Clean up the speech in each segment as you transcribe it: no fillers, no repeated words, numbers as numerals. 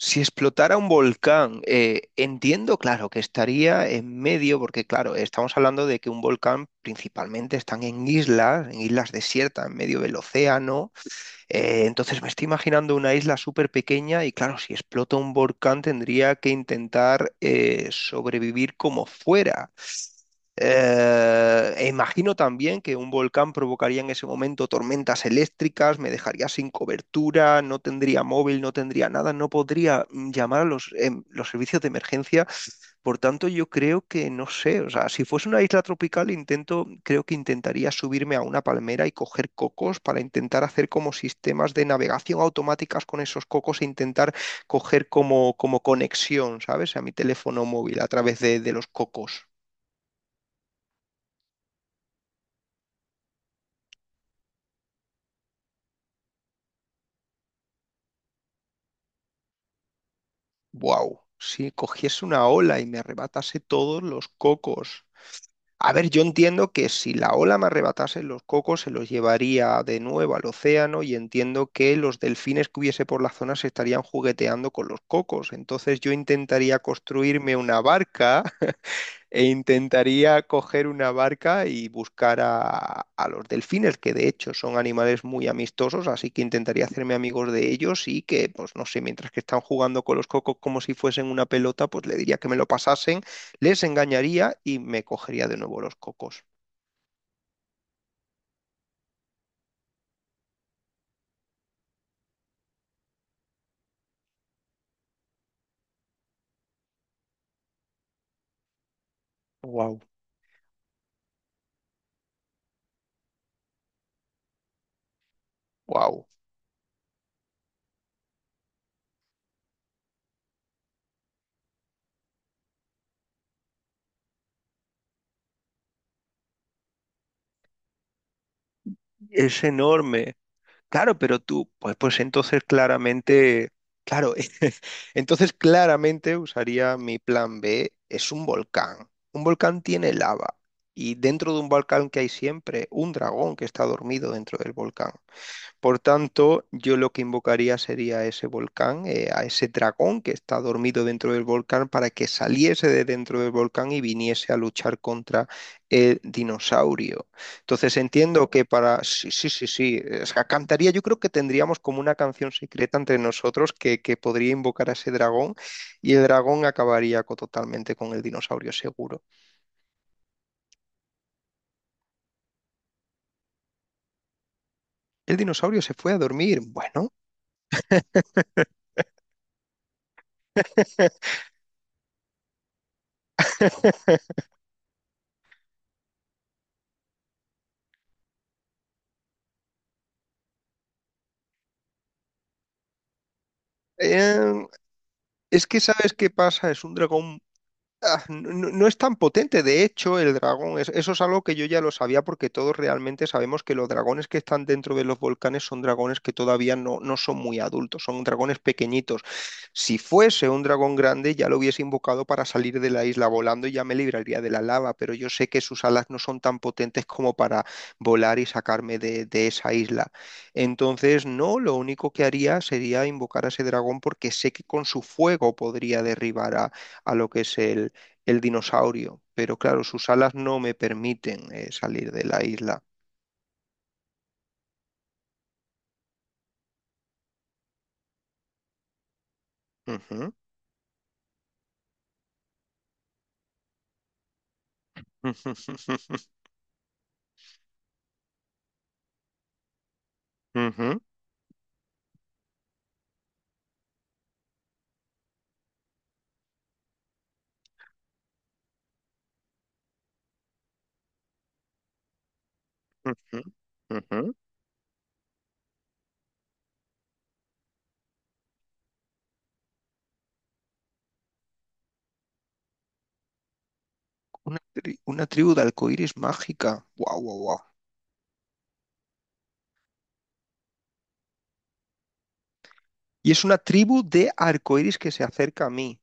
Si explotara un volcán, entiendo, claro, que estaría en medio, porque claro, estamos hablando de que un volcán principalmente están en islas desiertas, en medio del océano. Entonces me estoy imaginando una isla súper pequeña y claro, si explota un volcán tendría que intentar sobrevivir como fuera. E imagino también que un volcán provocaría en ese momento tormentas eléctricas, me dejaría sin cobertura, no tendría móvil, no tendría nada, no podría llamar a los, los servicios de emergencia. Por tanto, yo creo que no sé, o sea, si fuese una isla tropical, intento, creo que intentaría subirme a una palmera y coger cocos para intentar hacer como sistemas de navegación automáticas con esos cocos e intentar coger como, como conexión, ¿sabes? A mi teléfono móvil a través de los cocos. Wow, si cogiese una ola y me arrebatase todos los cocos. A ver, yo entiendo que si la ola me arrebatase los cocos, se los llevaría de nuevo al océano y entiendo que los delfines que hubiese por la zona se estarían jugueteando con los cocos. Entonces yo intentaría construirme una barca e intentaría coger una barca y buscar a los delfines, que de hecho son animales muy amistosos, así que intentaría hacerme amigos de ellos y que, pues no sé, mientras que están jugando con los cocos como si fuesen una pelota, pues le diría que me lo pasasen, les engañaría y me cogería de nuevo los cocos. Wow, wow, es enorme. Claro, pero tú, pues, pues entonces claramente, claro, entonces claramente usaría mi plan B, es un volcán. Un volcán tiene lava y dentro de un volcán que hay siempre un dragón que está dormido dentro del volcán. Por tanto, yo lo que invocaría sería a ese volcán, a ese dragón que está dormido dentro del volcán, para que saliese de dentro del volcán y viniese a luchar contra el dinosaurio. Entonces entiendo que para... Sí, sí, sí, sí. O sea, cantaría, yo creo que tendríamos como una canción secreta entre nosotros que podría invocar a ese dragón y el dragón acabaría totalmente con el dinosaurio seguro. El dinosaurio se fue a dormir. Bueno. Em, Es que sabes qué pasa, es un dragón. Ah, no, no es tan potente, de hecho, el dragón, eso es algo que yo ya lo sabía porque todos realmente sabemos que los dragones que están dentro de los volcanes son dragones que todavía no, no son muy adultos, son dragones pequeñitos. Si fuese un dragón grande ya lo hubiese invocado para salir de la isla volando y ya me libraría de la lava, pero yo sé que sus alas no son tan potentes como para volar y sacarme de esa isla. Entonces, no, lo único que haría sería invocar a ese dragón porque sé que con su fuego podría derribar a lo que es el dinosaurio, pero claro, sus alas no me permiten salir de la isla. Ujú, ujú, ujú, ujú, ujú. Una, una tribu de arcoíris mágica. Guau, guau, guau. Y es una tribu de arcoíris que se acerca a mí.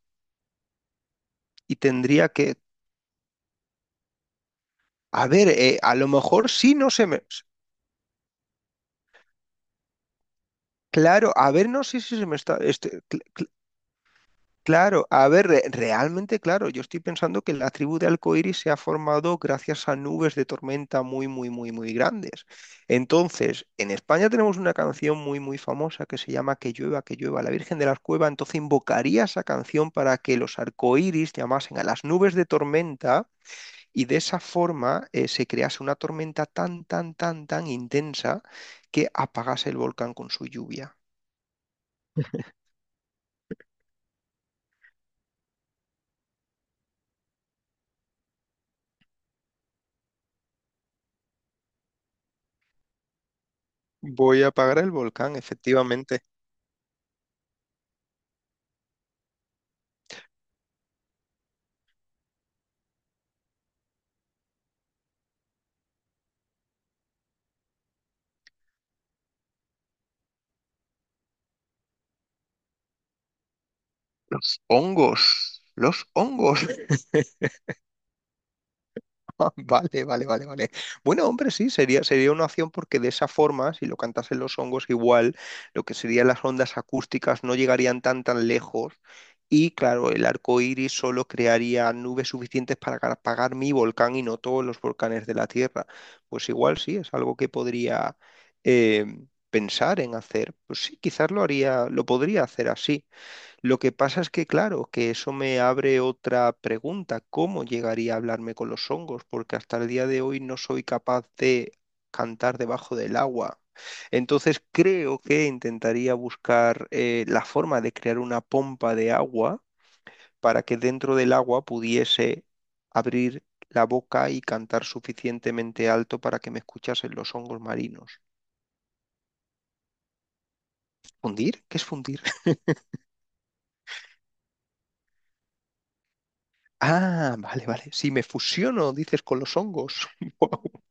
Y tendría que. A ver, a lo mejor sí no se me. Claro, a ver, no sé si se me está. Este, claro, a ver, realmente, claro, yo estoy pensando que la tribu de Alcoiris se ha formado gracias a nubes de tormenta muy, muy, muy, muy grandes. Entonces, en España tenemos una canción muy, muy famosa que se llama que llueva, la Virgen de las Cuevas. Entonces, invocaría esa canción para que los arcoíris llamasen a las nubes de tormenta y de esa forma se crease una tormenta tan, tan, tan, tan intensa que apagase el volcán con su lluvia. Voy a apagar el volcán, efectivamente. Los hongos. Los hongos. Ah, vale, vale, vale, vale. Bueno, hombre, sí, sería, sería una opción porque de esa forma, si lo cantasen los hongos igual, lo que serían las ondas acústicas no llegarían tan tan lejos. Y claro, el arco iris solo crearía nubes suficientes para apagar mi volcán y no todos los volcanes de la Tierra. Pues igual sí, es algo que podría eh, pensar en hacer. Pues sí, quizás lo haría, lo podría hacer así. Lo que pasa es que, claro, que eso me abre otra pregunta. ¿Cómo llegaría a hablarme con los hongos? Porque hasta el día de hoy no soy capaz de cantar debajo del agua. Entonces creo que intentaría buscar la forma de crear una pompa de agua para que dentro del agua pudiese abrir la boca y cantar suficientemente alto para que me escuchasen los hongos marinos. ¿Fundir? ¿Qué es fundir? Ah, vale, vale. Si me fusiono, dices, con los hongos.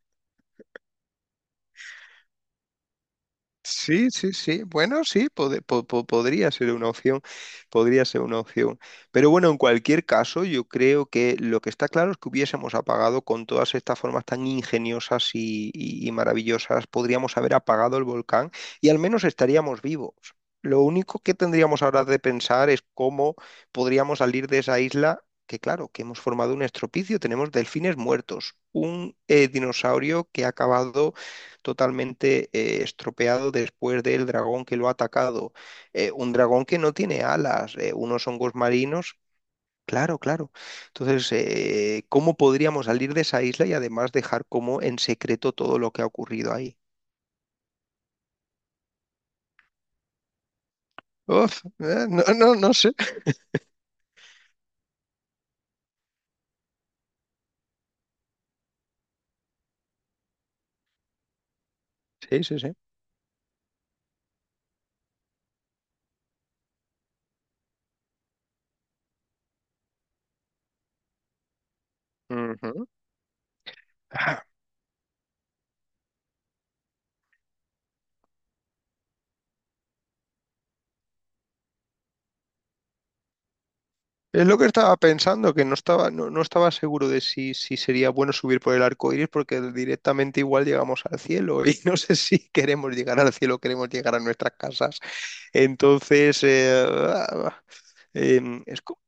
Sí, sí, sí. Bueno, sí, podría ser una opción, podría ser una opción. Pero bueno, en cualquier caso, yo creo que lo que está claro es que hubiésemos apagado con todas estas formas tan ingeniosas y, y maravillosas, podríamos haber apagado el volcán y al menos estaríamos vivos. Lo único que tendríamos ahora de pensar es cómo podríamos salir de esa isla, que claro, que hemos formado un estropicio, tenemos delfines muertos, un dinosaurio que ha acabado totalmente estropeado después del dragón que lo ha atacado. Un dragón que no tiene alas, unos hongos marinos. Claro, claro. Entonces, ¿cómo podríamos salir de esa isla y además dejar como en secreto todo lo que ha ocurrido ahí? Uf, no, no, no sé. Sí, sí, sí. Ujú. Es lo que estaba pensando, que no estaba, no, no estaba seguro de si, si sería bueno subir por el arco iris, porque directamente igual llegamos al cielo, y no sé si queremos llegar al cielo, queremos llegar a nuestras casas. Entonces, em, es co-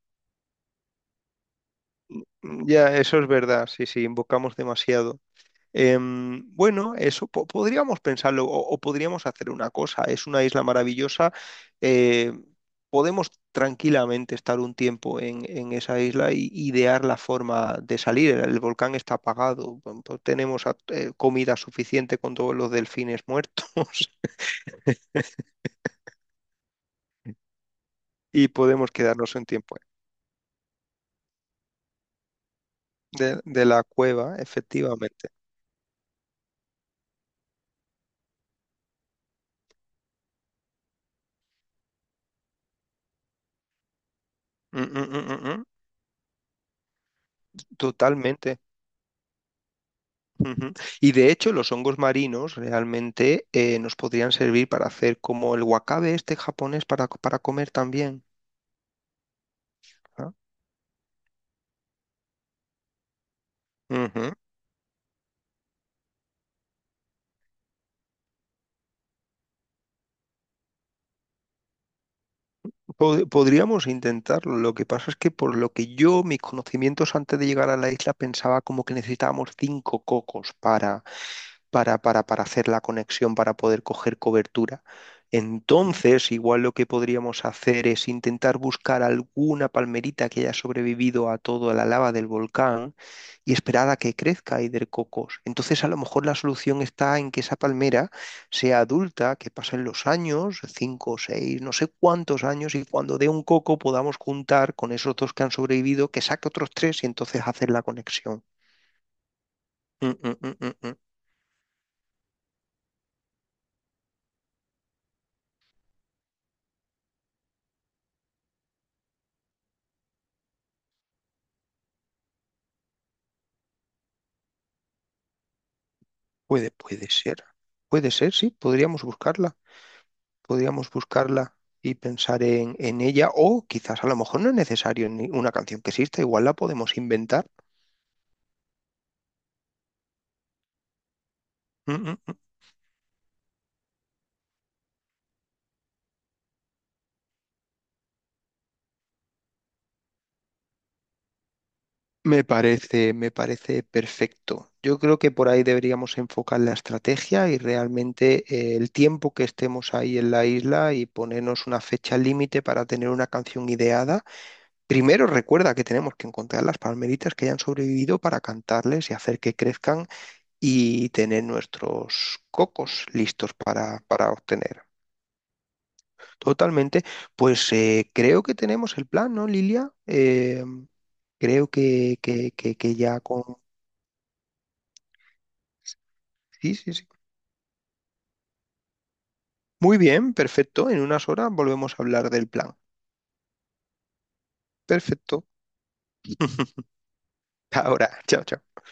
ya, eso es verdad, sí, sí, invocamos demasiado. Bueno, eso podríamos pensarlo o podríamos hacer una cosa. Es una isla maravillosa. eh, Podemos tranquilamente estar un tiempo en esa isla y idear la forma de salir. El volcán está apagado. Bueno, pues tenemos comida suficiente con todos los delfines muertos y podemos quedarnos un tiempo de la cueva, efectivamente. Mm, mm, mm, mm, mm. Totalmente. Ujú. Y de hecho, los hongos marinos realmente nos podrían servir para hacer como el wakabe este japonés para comer también. ¿Ah? Ujú. Podríamos intentarlo. Lo que pasa es que por lo que yo, mis conocimientos antes de llegar a la isla, pensaba como que necesitábamos 5 cocos para para hacer la conexión, para poder coger cobertura. Entonces, igual lo que podríamos hacer es intentar buscar alguna palmerita que haya sobrevivido a toda la lava del volcán y esperar a que crezca Hidrococos. Entonces, a lo mejor la solución está en que esa palmera sea adulta, que pasen los años, 5, 6, no sé cuántos años, y cuando dé un coco podamos juntar con esos dos que han sobrevivido, que saque otros tres y entonces hacer la conexión. Mm, mm, mm, mm, mm. Puede, puede ser. Puede ser, sí. Podríamos buscarla. Podríamos buscarla y pensar en ella. O quizás a lo mejor no es necesario ni una canción que exista. Igual la podemos inventar. Mm, mm, mm. Me parece perfecto. Yo creo que por ahí deberíamos enfocar la estrategia y realmente el tiempo que estemos ahí en la isla y ponernos una fecha límite para tener una canción ideada. Primero recuerda que tenemos que encontrar las palmeritas que hayan sobrevivido para cantarles y hacer que crezcan y tener nuestros cocos listos para obtener. Totalmente, pues creo que tenemos el plan, ¿no, Lilia? Creo que ya con... Sí, sí, sí. Muy bien, perfecto. En unas horas volvemos a hablar del plan. Perfecto. Ahora, chao, chao.